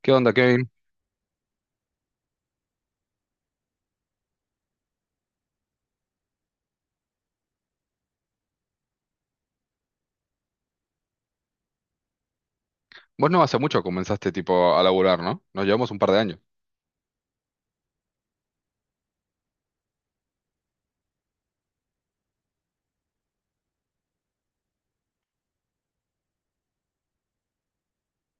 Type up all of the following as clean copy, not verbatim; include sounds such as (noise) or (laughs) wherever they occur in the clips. ¿Qué onda, Kevin? Vos no hace mucho comenzaste tipo a laburar, ¿no? Nos llevamos un par de años.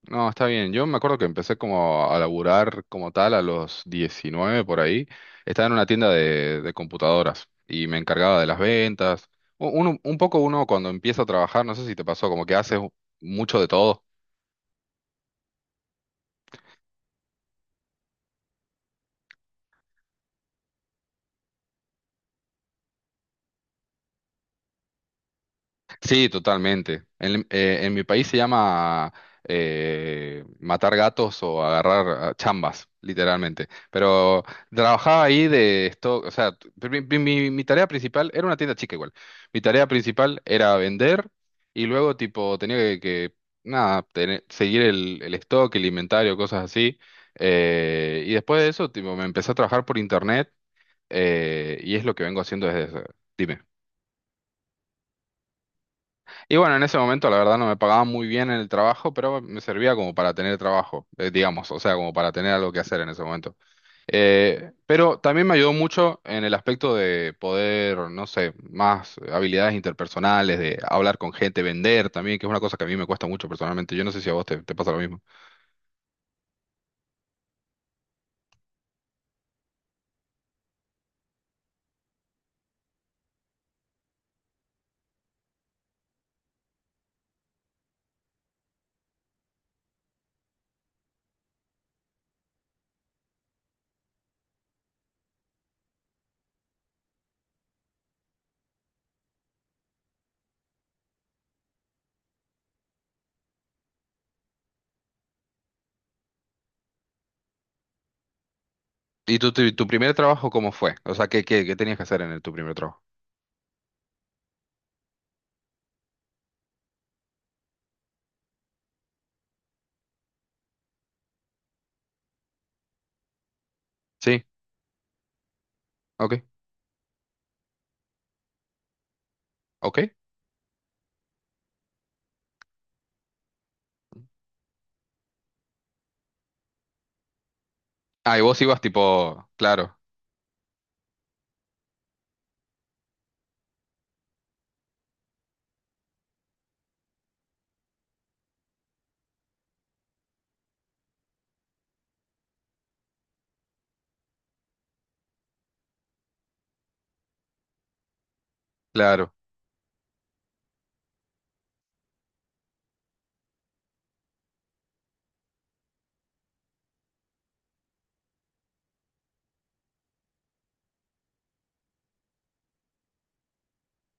No, está bien. Yo me acuerdo que empecé como a laburar como tal a los 19 por ahí. Estaba en una tienda de computadoras y me encargaba de las ventas. Un poco uno cuando empieza a trabajar, no sé si te pasó, como que haces mucho de todo. Sí, totalmente. En mi país se llama matar gatos o agarrar chambas, literalmente. Pero trabajaba ahí de esto, o sea, mi tarea principal era una tienda chica igual. Mi tarea principal era vender y luego tipo tenía nada, seguir el stock, el inventario, cosas así. Y después de eso, tipo, me empecé a trabajar por internet, y es lo que vengo haciendo desde... Dime. Y bueno, en ese momento la verdad no me pagaban muy bien en el trabajo, pero me servía como para tener trabajo, digamos, o sea, como para tener algo que hacer en ese momento. Pero también me ayudó mucho en el aspecto de poder, no sé, más habilidades interpersonales, de hablar con gente, vender también, que es una cosa que a mí me cuesta mucho personalmente. Yo no sé si a vos te pasa lo mismo. ¿Y tu primer trabajo cómo fue? O sea, ¿qué tenías que hacer en tu primer trabajo? Sí, ok, ok. Ah, y vos ibas tipo, claro, claro.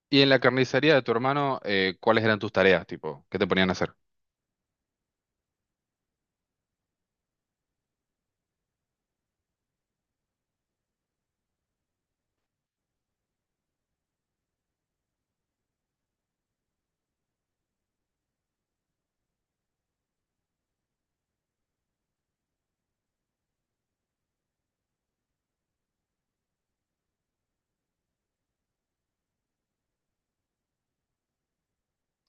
Y en la carnicería de tu hermano, ¿cuáles eran tus tareas, tipo? ¿Qué te ponían a hacer?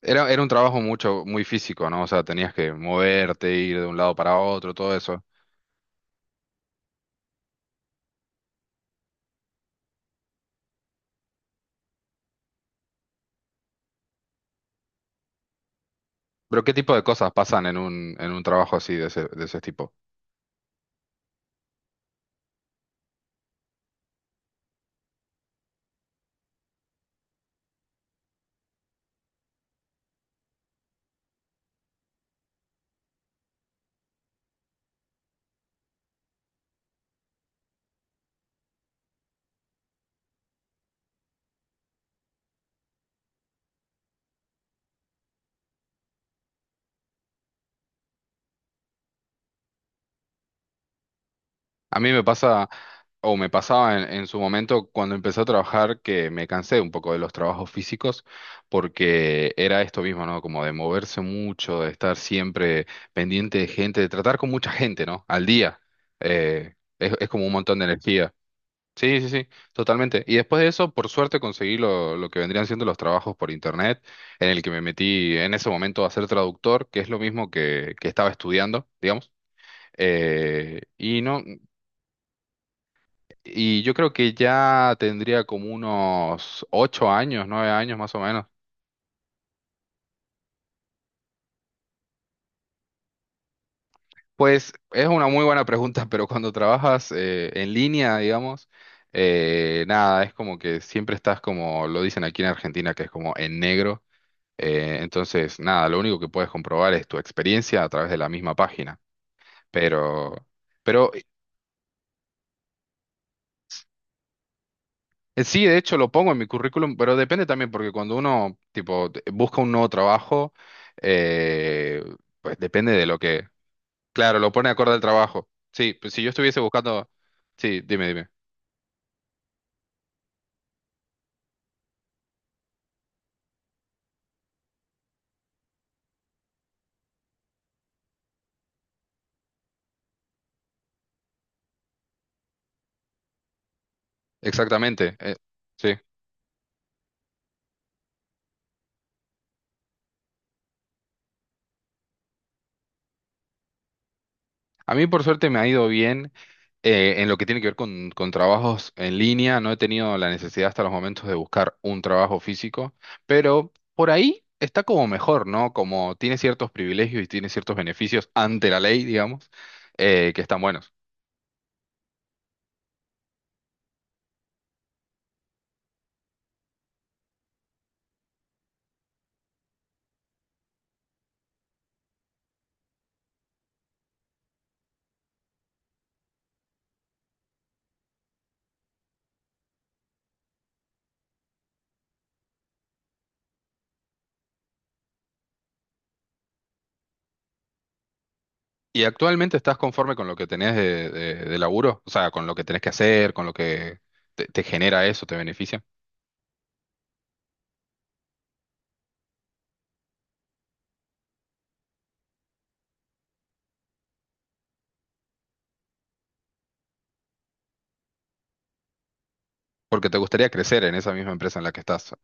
Era un trabajo muy físico, ¿no? O sea, tenías que moverte, ir de un lado para otro, todo eso. Pero ¿qué tipo de cosas pasan en un trabajo así de ese tipo? A mí me pasa, o me pasaba en su momento cuando empecé a trabajar, que me cansé un poco de los trabajos físicos, porque era esto mismo, ¿no? Como de moverse mucho, de estar siempre pendiente de gente, de tratar con mucha gente, ¿no? Al día. Es como un montón de energía. Sí, sí, sí, totalmente. Y después de eso, por suerte, conseguí lo que vendrían siendo los trabajos por internet, en el que me metí en ese momento a ser traductor, que es lo mismo que estaba estudiando, digamos. Y no, yo creo que ya tendría como unos 8 años, 9 años más o menos. Pues es una muy buena pregunta, pero cuando trabajas en línea, digamos. Nada, es como que siempre estás como lo dicen aquí en Argentina, que es como en negro. Entonces, nada, lo único que puedes comprobar es tu experiencia a través de la misma página. Pero, pero, sí, de hecho lo pongo en mi currículum, pero depende también porque cuando uno, tipo, busca un nuevo trabajo, eh, pues depende de lo que, claro, lo pone acorde al trabajo. Sí, pues si yo estuviese buscando, sí, dime, dime. Exactamente. Sí. A mí por suerte me ha ido bien, en lo que tiene que ver con trabajos en línea. No he tenido la necesidad hasta los momentos de buscar un trabajo físico, pero por ahí está como mejor, ¿no? Como tiene ciertos privilegios y tiene ciertos beneficios ante la ley, digamos, que están buenos. ¿Y actualmente estás conforme con lo que tenés de laburo? O sea, con lo que tenés que hacer, con lo que te genera eso, te beneficia. Porque te gustaría crecer en esa misma empresa en la que estás.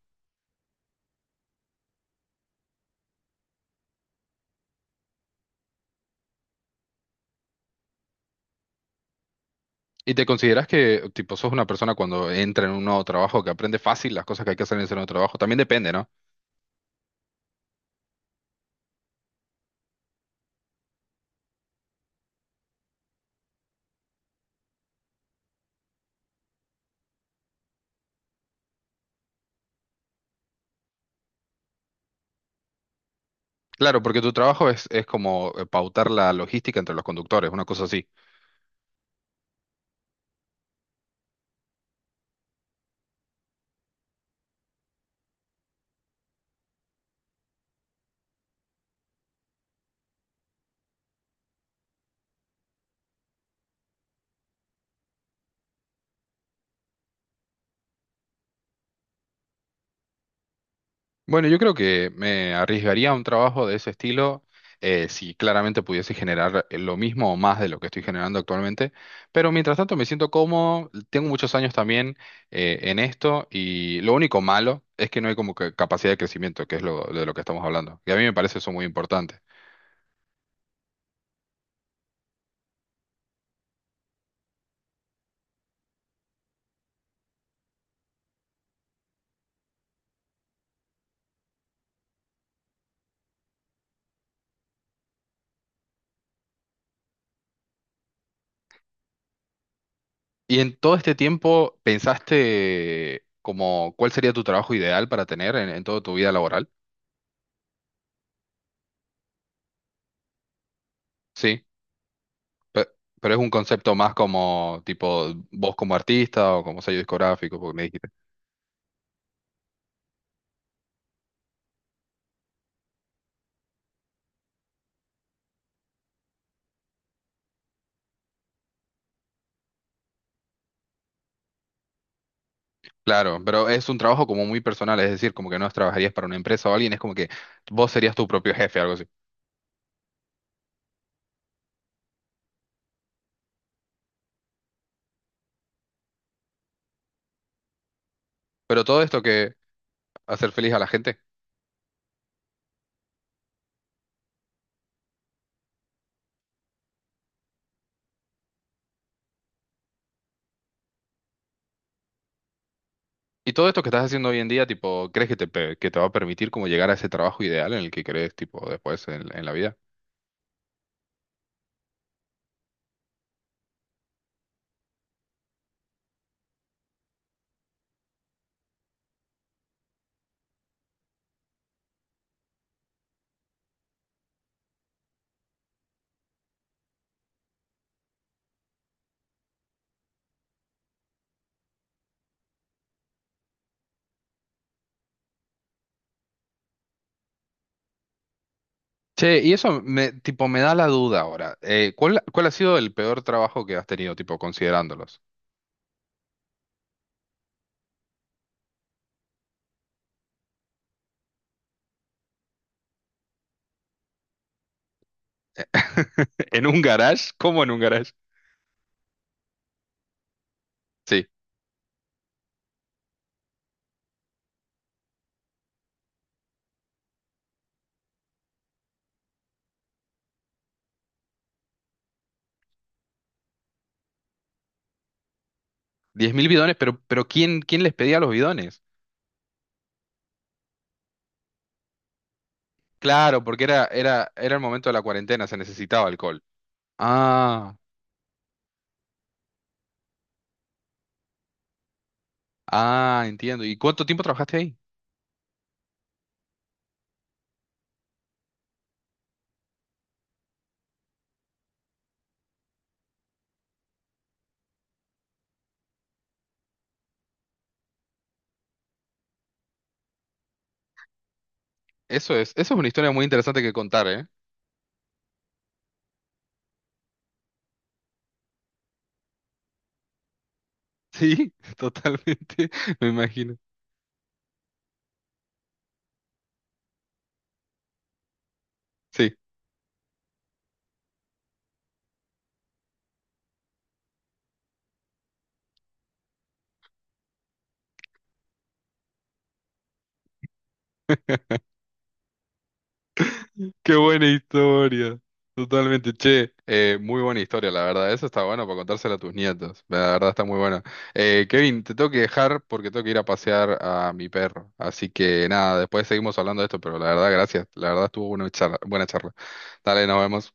¿Y te consideras que, tipo, sos una persona cuando entra en un nuevo trabajo que aprende fácil las cosas que hay que hacer en ese nuevo trabajo? También depende, ¿no? Claro, porque tu trabajo es como pautar la logística entre los conductores, una cosa así. Bueno, yo creo que me arriesgaría a un trabajo de ese estilo, si claramente pudiese generar lo mismo o más de lo que estoy generando actualmente. Pero mientras tanto me siento cómodo, tengo muchos años también, en esto y lo único malo es que no hay como que capacidad de crecimiento, que es de lo que estamos hablando. Y a mí me parece eso muy importante. Y en todo este tiempo, ¿pensaste como cuál sería tu trabajo ideal para tener en toda tu vida laboral? Sí, pe- pero es un concepto más como tipo vos como artista o como sello discográfico, porque me dijiste. Claro, pero es un trabajo como muy personal, es decir, como que no trabajarías para una empresa o alguien, es como que vos serías tu propio jefe, algo así. Pero todo esto que hacer feliz a la gente y todo esto que estás haciendo hoy en día, tipo, ¿crees que que te va a permitir como llegar a ese trabajo ideal en el que crees, tipo, después en la vida? Che, y eso tipo, me da la duda ahora. ¿Cuál ha sido el peor trabajo que has tenido, tipo, considerándolos? (laughs) ¿En un garage? ¿Cómo en un garage? Sí. 10.000 bidones, pero ¿quién les pedía los bidones? Claro, porque era el momento de la cuarentena, se necesitaba alcohol. Ah, ah, entiendo. ¿Y cuánto tiempo trabajaste ahí? Eso es una historia muy interesante que contar, ¿eh? Sí, (laughs) totalmente, me imagino. Sí. Qué buena historia. Totalmente, che, muy buena historia, la verdad. Eso está bueno para contárselo a tus nietos. La verdad está muy buena. Kevin, te tengo que dejar porque tengo que ir a pasear a mi perro. Así que nada, después seguimos hablando de esto, pero la verdad, gracias. La verdad estuvo una buena charla. Dale, nos vemos.